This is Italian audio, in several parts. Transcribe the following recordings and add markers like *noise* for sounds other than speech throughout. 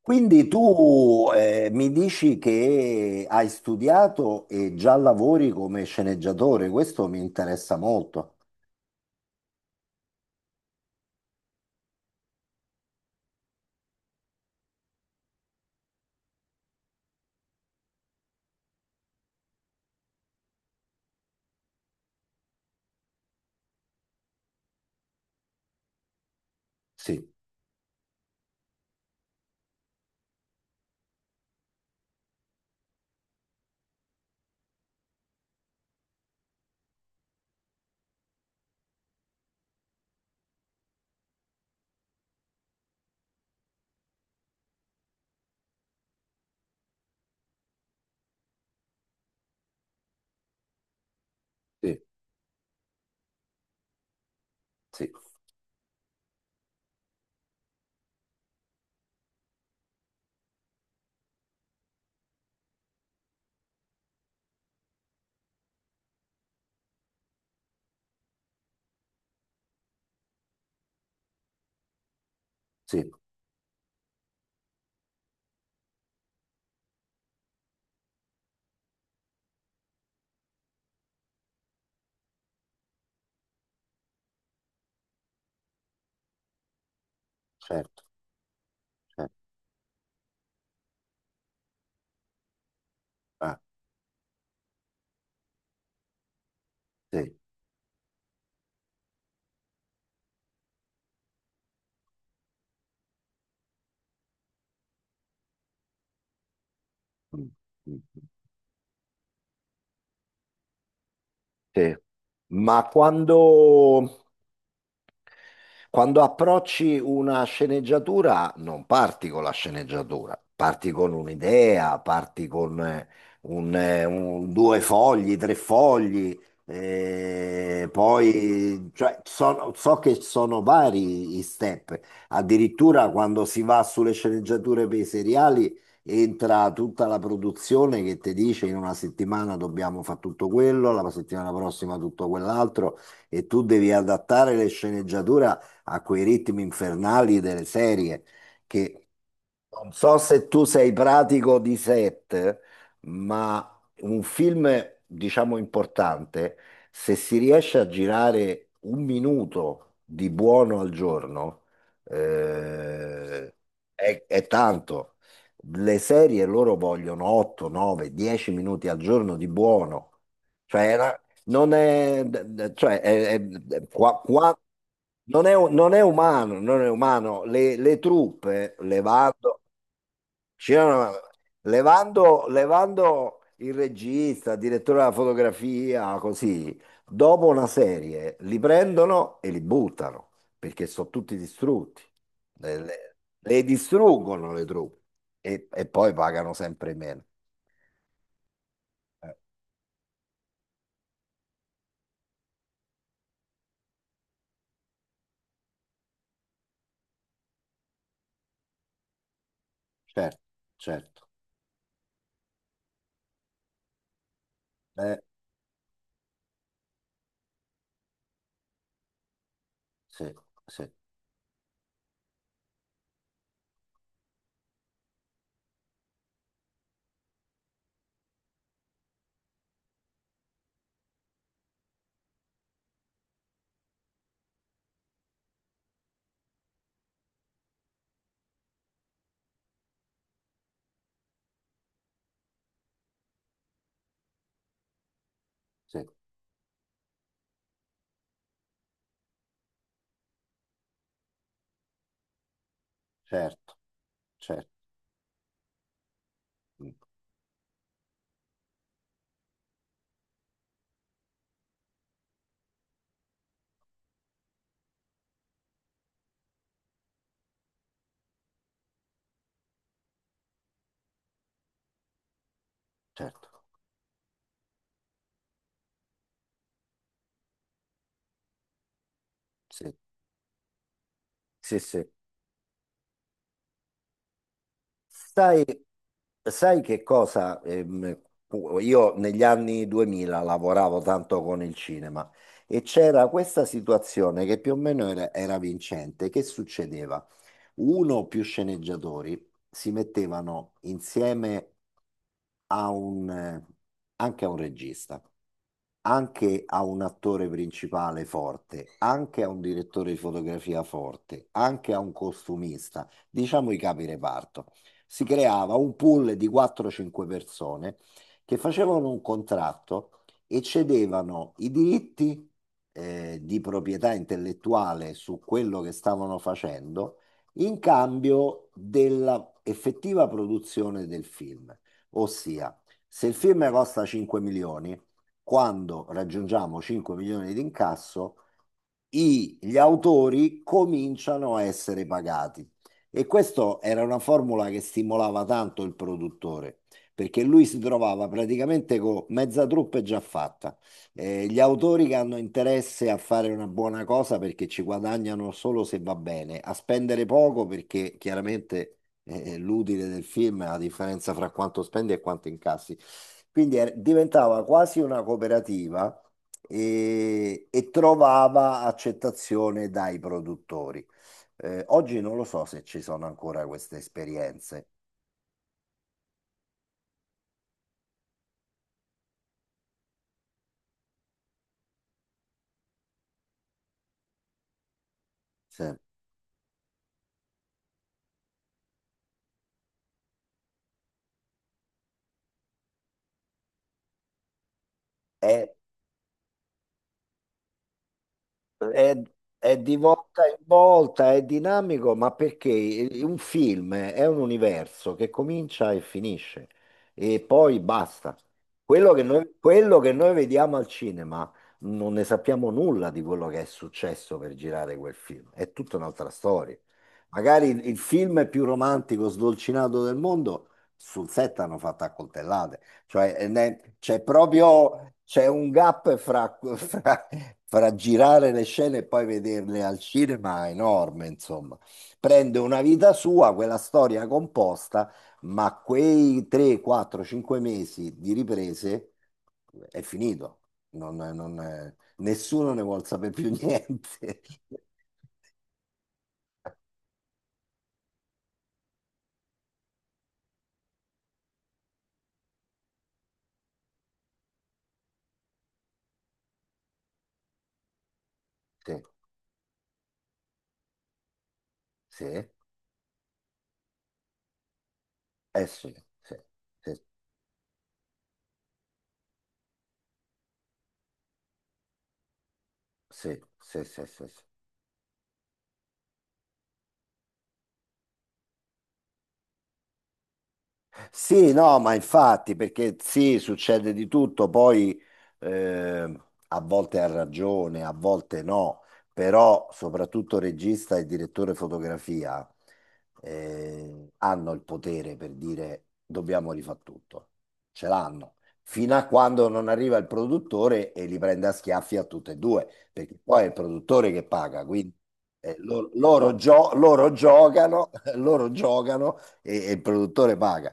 Quindi tu mi dici che hai studiato e già lavori come sceneggiatore, questo mi interessa molto. Sì, sì, sì, sì, certo, certo. Ah, sì. Mm, mm, mm. Sì. Ma quando, Quando approcci una sceneggiatura, non parti con la sceneggiatura, parti con un'idea, parti con due fogli, tre fogli, poi cioè, so che sono vari i step. Addirittura quando si va sulle sceneggiature per i seriali, entra tutta la produzione che ti dice in una settimana dobbiamo fare tutto quello, la settimana prossima tutto quell'altro, e tu devi adattare le sceneggiature a quei ritmi infernali delle serie che, non so se tu sei pratico di set, ma un film, diciamo, importante, se si riesce a girare un minuto di buono al giorno, eh, è tanto. Le serie loro vogliono 8, 9, 10 minuti al giorno di buono. Cioè, non è, cioè, non è, non è umano, non è umano. Le truppe, c'erano- levando il regista, il direttore della fotografia, così, dopo una serie li prendono e li buttano, perché sono tutti distrutti. Le distruggono le truppe e poi pagano sempre meno. Eh, certo, certo. Eh, sì, sì, sì. Certo, certo. Certo, sì, sì, sì. Sai, sai che cosa? Io negli anni 2000 lavoravo tanto con il cinema e c'era questa situazione che più o meno era vincente. Che succedeva? Uno o più sceneggiatori si mettevano insieme a un, eh, anche a un regista, anche a un attore principale forte, anche a un direttore di fotografia forte, anche a un costumista, diciamo i capi reparto. Si creava un pool di 4-5 persone che facevano un contratto e cedevano i diritti di proprietà intellettuale su quello che stavano facendo, in cambio della effettiva produzione del film. Ossia, se il film costa 5 milioni, quando raggiungiamo 5 milioni di incasso, gli autori cominciano a essere pagati. E questa era una formula che stimolava tanto il produttore, perché lui si trovava praticamente con mezza truppa già fatta. Gli autori che hanno interesse a fare una buona cosa perché ci guadagnano solo se va bene, a spendere poco perché chiaramente l'utile del film è la differenza fra quanto spendi e quanto incassi. Quindi diventava quasi una cooperativa e trovava accettazione dai produttori. Oggi non lo so se ci sono ancora queste esperienze. Sì. È È, è di volta in volta, è dinamico, ma perché un film è un universo che comincia e finisce e poi basta. Quello che noi vediamo al cinema, non ne sappiamo nulla di quello che è successo per girare quel film, è tutta un'altra storia. Magari il film più romantico, sdolcinato del mondo, sul set hanno fatto accoltellate. Cioè, c'è proprio, c'è un gap fra, *laughs* fra girare le scene e poi vederle al cinema, enorme, insomma. Prende una vita sua, quella storia composta, ma quei 3, 4, 5 mesi di riprese è finito. Nessuno ne vuol sapere più niente. *laughs* Sì, sì, eh sì, sì, sì, sì, sì, sì, sì, sì. Sì, no, ma infatti, perché sì, succede di tutto, poi eh, a volte ha ragione, a volte no, però soprattutto regista e direttore fotografia hanno il potere per dire dobbiamo rifare tutto, ce l'hanno, fino a quando non arriva il produttore e li prende a schiaffi a tutte e due, perché poi è il produttore che paga, quindi loro giocano, *laughs* loro giocano e il produttore paga.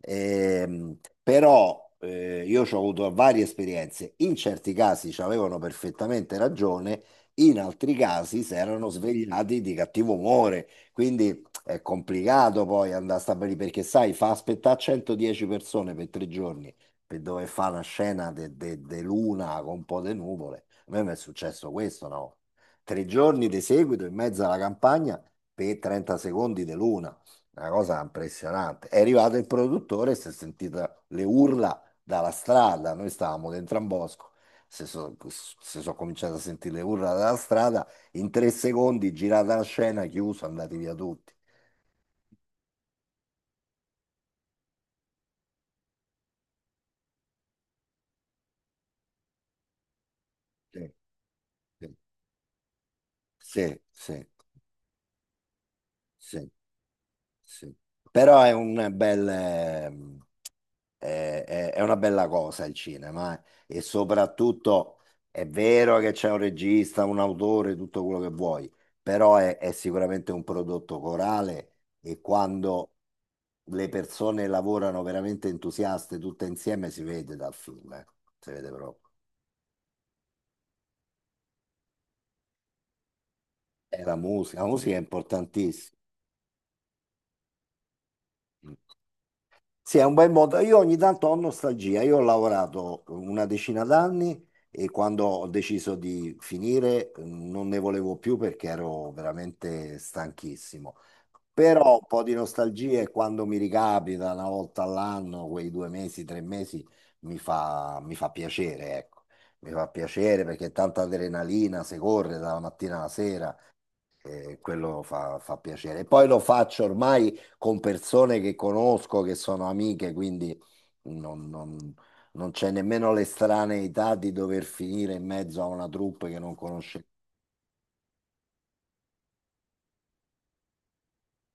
Ehm, Però io ci ho avuto varie esperienze. In certi casi ci avevano perfettamente ragione, in altri casi si erano svegliati di cattivo umore. Quindi è complicato poi andare a stabilire perché, sai, fa aspettare 110 persone per 3 giorni per dove fa una scena di luna con un po' di nuvole. A me mi è successo questo, no? 3 giorni di seguito in mezzo alla campagna per 30 secondi di luna. Una cosa impressionante. È arrivato il produttore e si è sentita le urla dalla strada. Noi stavamo dentro a un bosco. Si sono cominciato a sentire le urla dalla strada. In 3 secondi, girata la scena, chiuso, andati via tutti. Sì, sì, sì, sì, sì, sì. Però è un bel, è una bella cosa il cinema, eh. E soprattutto è vero che c'è un regista, un autore, tutto quello che vuoi, però è sicuramente un prodotto corale, e quando le persone lavorano veramente entusiaste tutte insieme si vede dal film, eh. Si vede proprio. E la musica è importantissima. Sì, è un bel modo. Io ogni tanto ho nostalgia. Io ho lavorato una decina d'anni e quando ho deciso di finire non ne volevo più perché ero veramente stanchissimo. Però un po' di nostalgia, e quando mi ricapita una volta all'anno, quei 2 mesi, 3 mesi, mi fa piacere, ecco. Mi fa piacere perché è tanta adrenalina, si corre dalla mattina alla sera. E quello fa piacere. Poi lo faccio ormai con persone che conosco, che sono amiche, quindi non, non- non c'è nemmeno l'estraneità di dover finire in mezzo a una troupe che non conosce.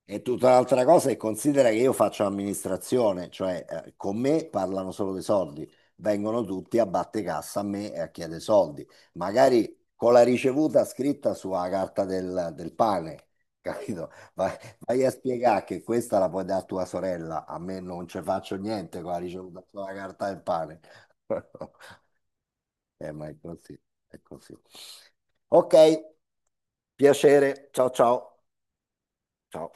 È tutta un'altra cosa, e considera che io faccio amministrazione, cioè con me parlano solo dei soldi, vengono tutti a batte cassa a me e a chiedere soldi, magari con la ricevuta scritta sulla carta del pane, *laughs* capito? Vai, vai a spiegare che questa la puoi dare a tua sorella, a me non ci faccio niente con la ricevuta sulla carta del pane. *laughs* Ma è così, è così. Ok, piacere, ciao ciao, ciao.